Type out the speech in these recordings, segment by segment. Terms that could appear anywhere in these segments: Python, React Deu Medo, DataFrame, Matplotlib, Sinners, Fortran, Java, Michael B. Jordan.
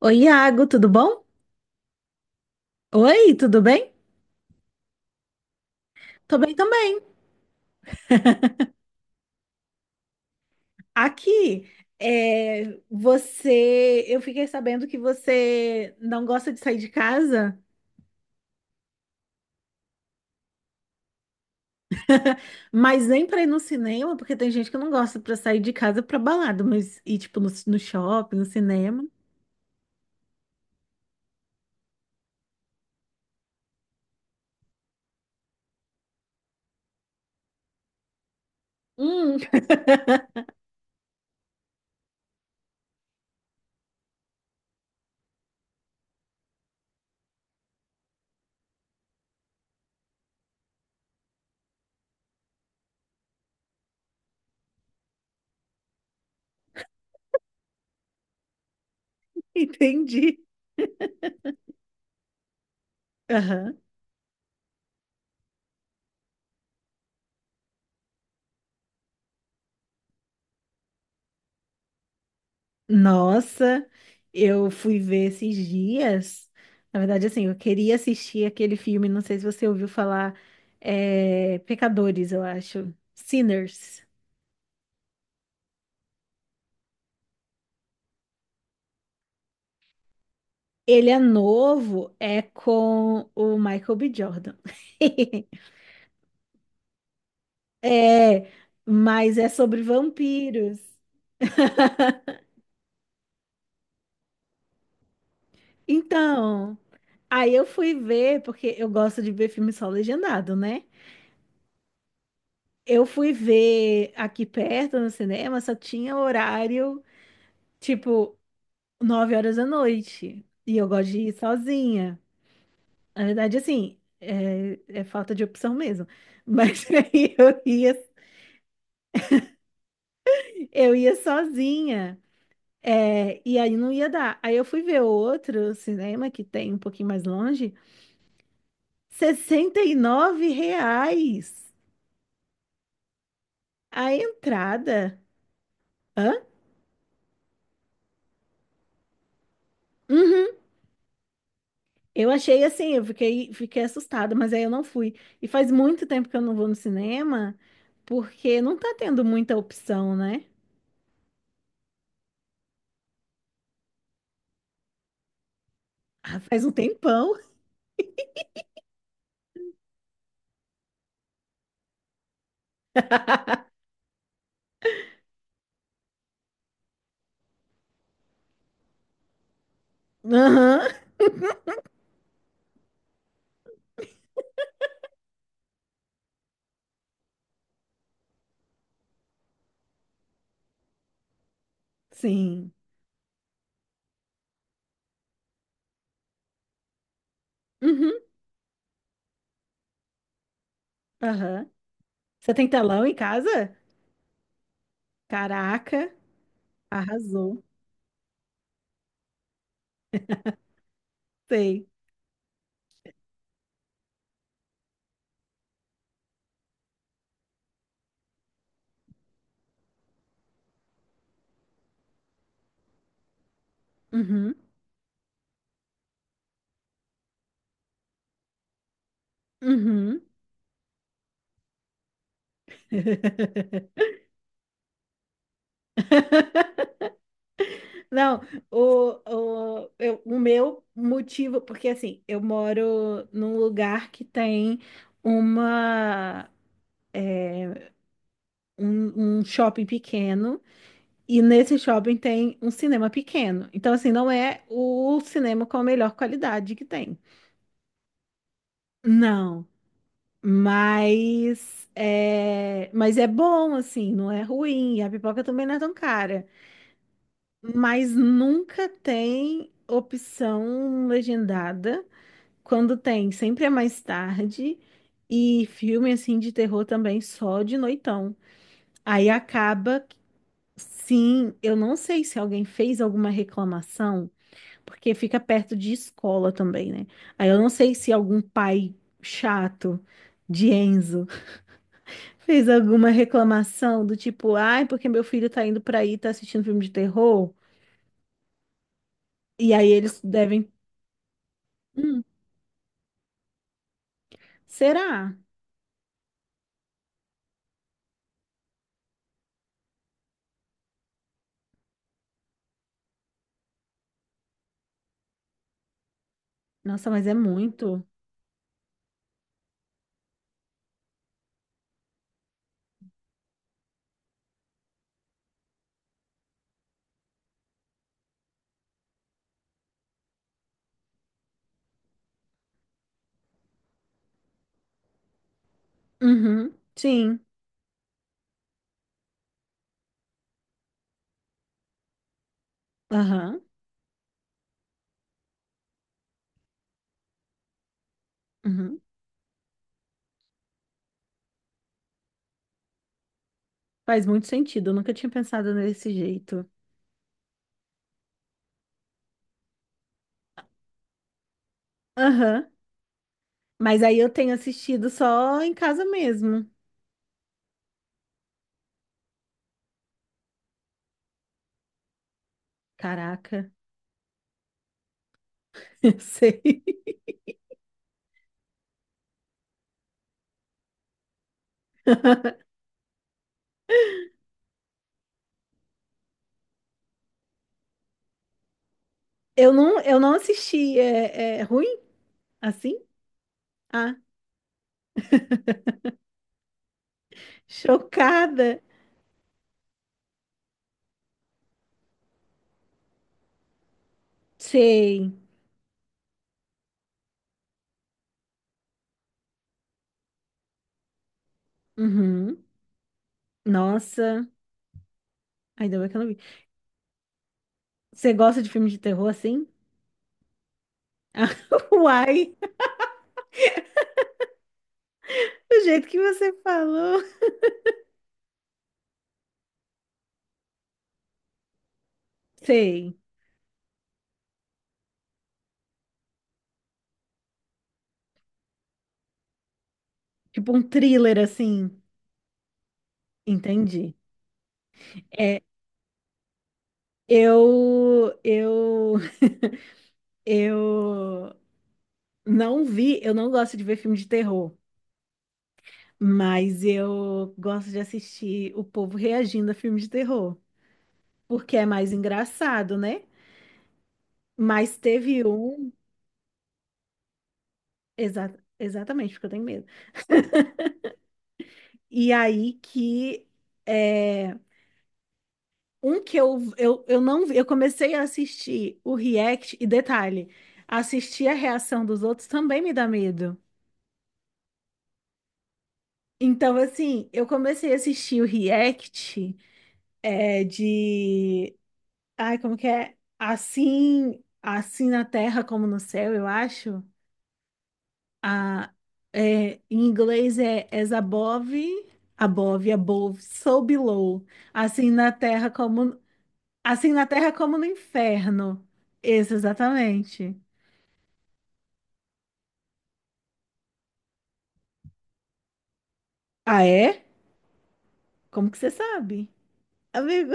Oi, Iago, tudo bom? Oi, tudo bem? Tô bem também. Aqui, é, eu fiquei sabendo que você não gosta de sair de casa, mas nem pra ir no cinema, porque tem gente que não gosta pra sair de casa pra balada, mas ir tipo no shopping, no cinema. Hum. Entendi. Aham. Nossa, eu fui ver esses dias. Na verdade, assim, eu queria assistir aquele filme, não sei se você ouviu falar, Pecadores, eu acho. Sinners. Ele é novo, é com o Michael B. Jordan. É, mas é sobre vampiros. Então, aí eu fui ver, porque eu gosto de ver filme só legendado, né? Eu fui ver aqui perto no cinema, só tinha horário. tipo, 9h da noite. E eu gosto de ir sozinha. Na verdade, assim, é falta de opção mesmo. Mas aí eu ia sozinha. É, e aí não ia dar. Aí eu fui ver outro cinema que tem um pouquinho mais longe. R$ 69 a entrada. Hã? Uhum. Eu achei assim, eu fiquei assustada, mas aí eu não fui. E faz muito tempo que eu não vou no cinema, porque não tá tendo muita opção, né? Ah, faz um tempão. Aham, sim. Uhum, aham. Você tem telão em casa? Caraca, arrasou. Sei. Uhum, uhum. Não, o meu motivo, porque assim, eu moro num lugar que tem uma, um shopping pequeno e nesse shopping tem um cinema pequeno. Então, assim, não é o cinema com a melhor qualidade que tem. Não, mas é bom, assim, não é ruim. E a pipoca também não é tão cara. Mas nunca tem opção legendada. Quando tem, sempre é mais tarde. E filme assim de terror também só de noitão. Aí acaba, que- sim, eu não sei se alguém fez alguma reclamação, porque fica perto de escola também, né? Aí eu não sei se algum pai chato de Enzo fez alguma reclamação do tipo, ai, porque meu filho tá indo pra aí, tá assistindo filme de terror. E aí eles devem, hum, será? Nossa, mas é muito. Uhum, sim. Aham. Uhum. Faz muito sentido, eu nunca tinha pensado nesse jeito. Aham. Mas aí eu tenho assistido só em casa mesmo. Caraca, eu sei. Eu não assisti. É ruim assim? Ah, chocada. Sei. Uhum. Nossa. Ainda bem que eu não vi. Você gosta de filme de terror assim? Ah, uai, do jeito que você falou. Sei. Tipo um thriller assim. Entendi. É, eu eu não vi, eu não gosto de ver filme de terror, mas eu gosto de assistir o povo reagindo a filme de terror, porque é mais engraçado, né? Mas teve um, exatamente, porque eu tenho medo. E aí que é, um que eu não vi, eu comecei a assistir o react, e detalhe, assistir a reação dos outros também me dá medo. Então, assim, eu comecei a assistir o react, é, de ai, como que é? Assim, assim na terra como no céu, eu acho. A, em inglês é as above, so below. Assim na terra como, assim na terra como no inferno. Isso, exatamente. Ah, é? Como que você sabe? Amigo.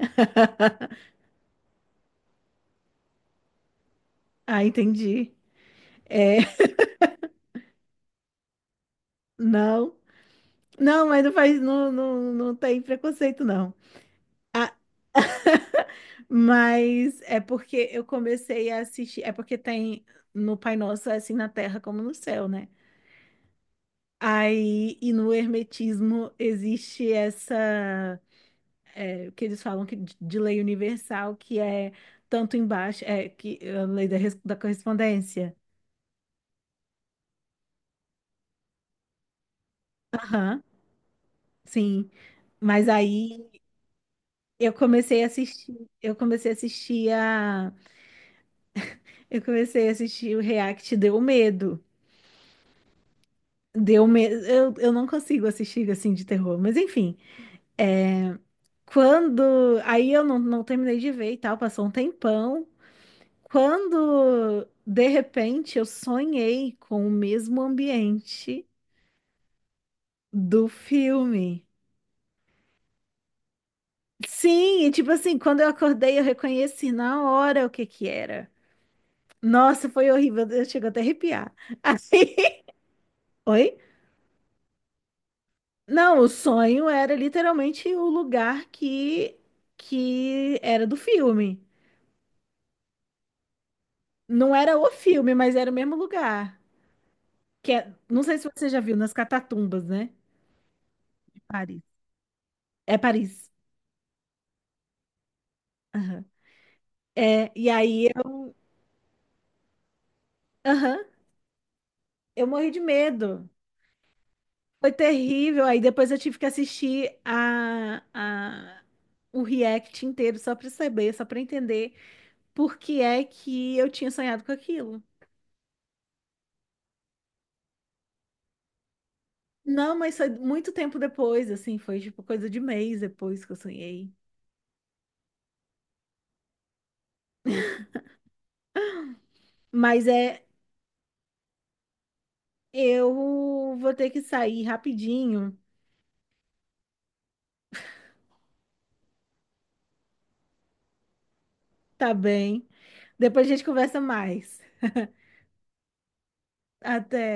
Ah, entendi. É, não. Não, não tem preconceito, não. Mas é porque eu comecei a assistir. É porque tem no Pai Nosso, é assim na terra como no céu, né? Aí, e no Hermetismo existe essa. Que eles falam que, de lei universal, que é tanto embaixo. É que a lei da, da correspondência. Aham, sim. Mas aí eu comecei a assistir. Eu comecei a assistir a. Eu comecei a assistir o React Deu Medo. Eu não consigo assistir assim de terror, mas enfim. É... Quando. Aí eu não, não terminei de ver e tal, passou um tempão. Quando, de repente, eu sonhei com o mesmo ambiente do filme. Sim, e tipo assim, quando eu acordei, eu reconheci na hora o que que era. Nossa, foi horrível, eu chego até a arrepiar. Assim, oi? Não, o sonho era literalmente o lugar que era do filme. Não era o filme, mas era o mesmo lugar. Que é, não sei se você já viu, nas Catatumbas, né? De Paris. É Paris. Aham. É, e aí eu, aham, eu morri de medo. Foi terrível. Aí depois eu tive que assistir o react inteiro só pra saber, só pra entender por que é que eu tinha sonhado com aquilo. Não, mas foi muito tempo depois, assim, foi tipo coisa de mês depois que eu sonhei. Mas é, eu vou ter que sair rapidinho. Tá bem. Depois a gente conversa mais. Até.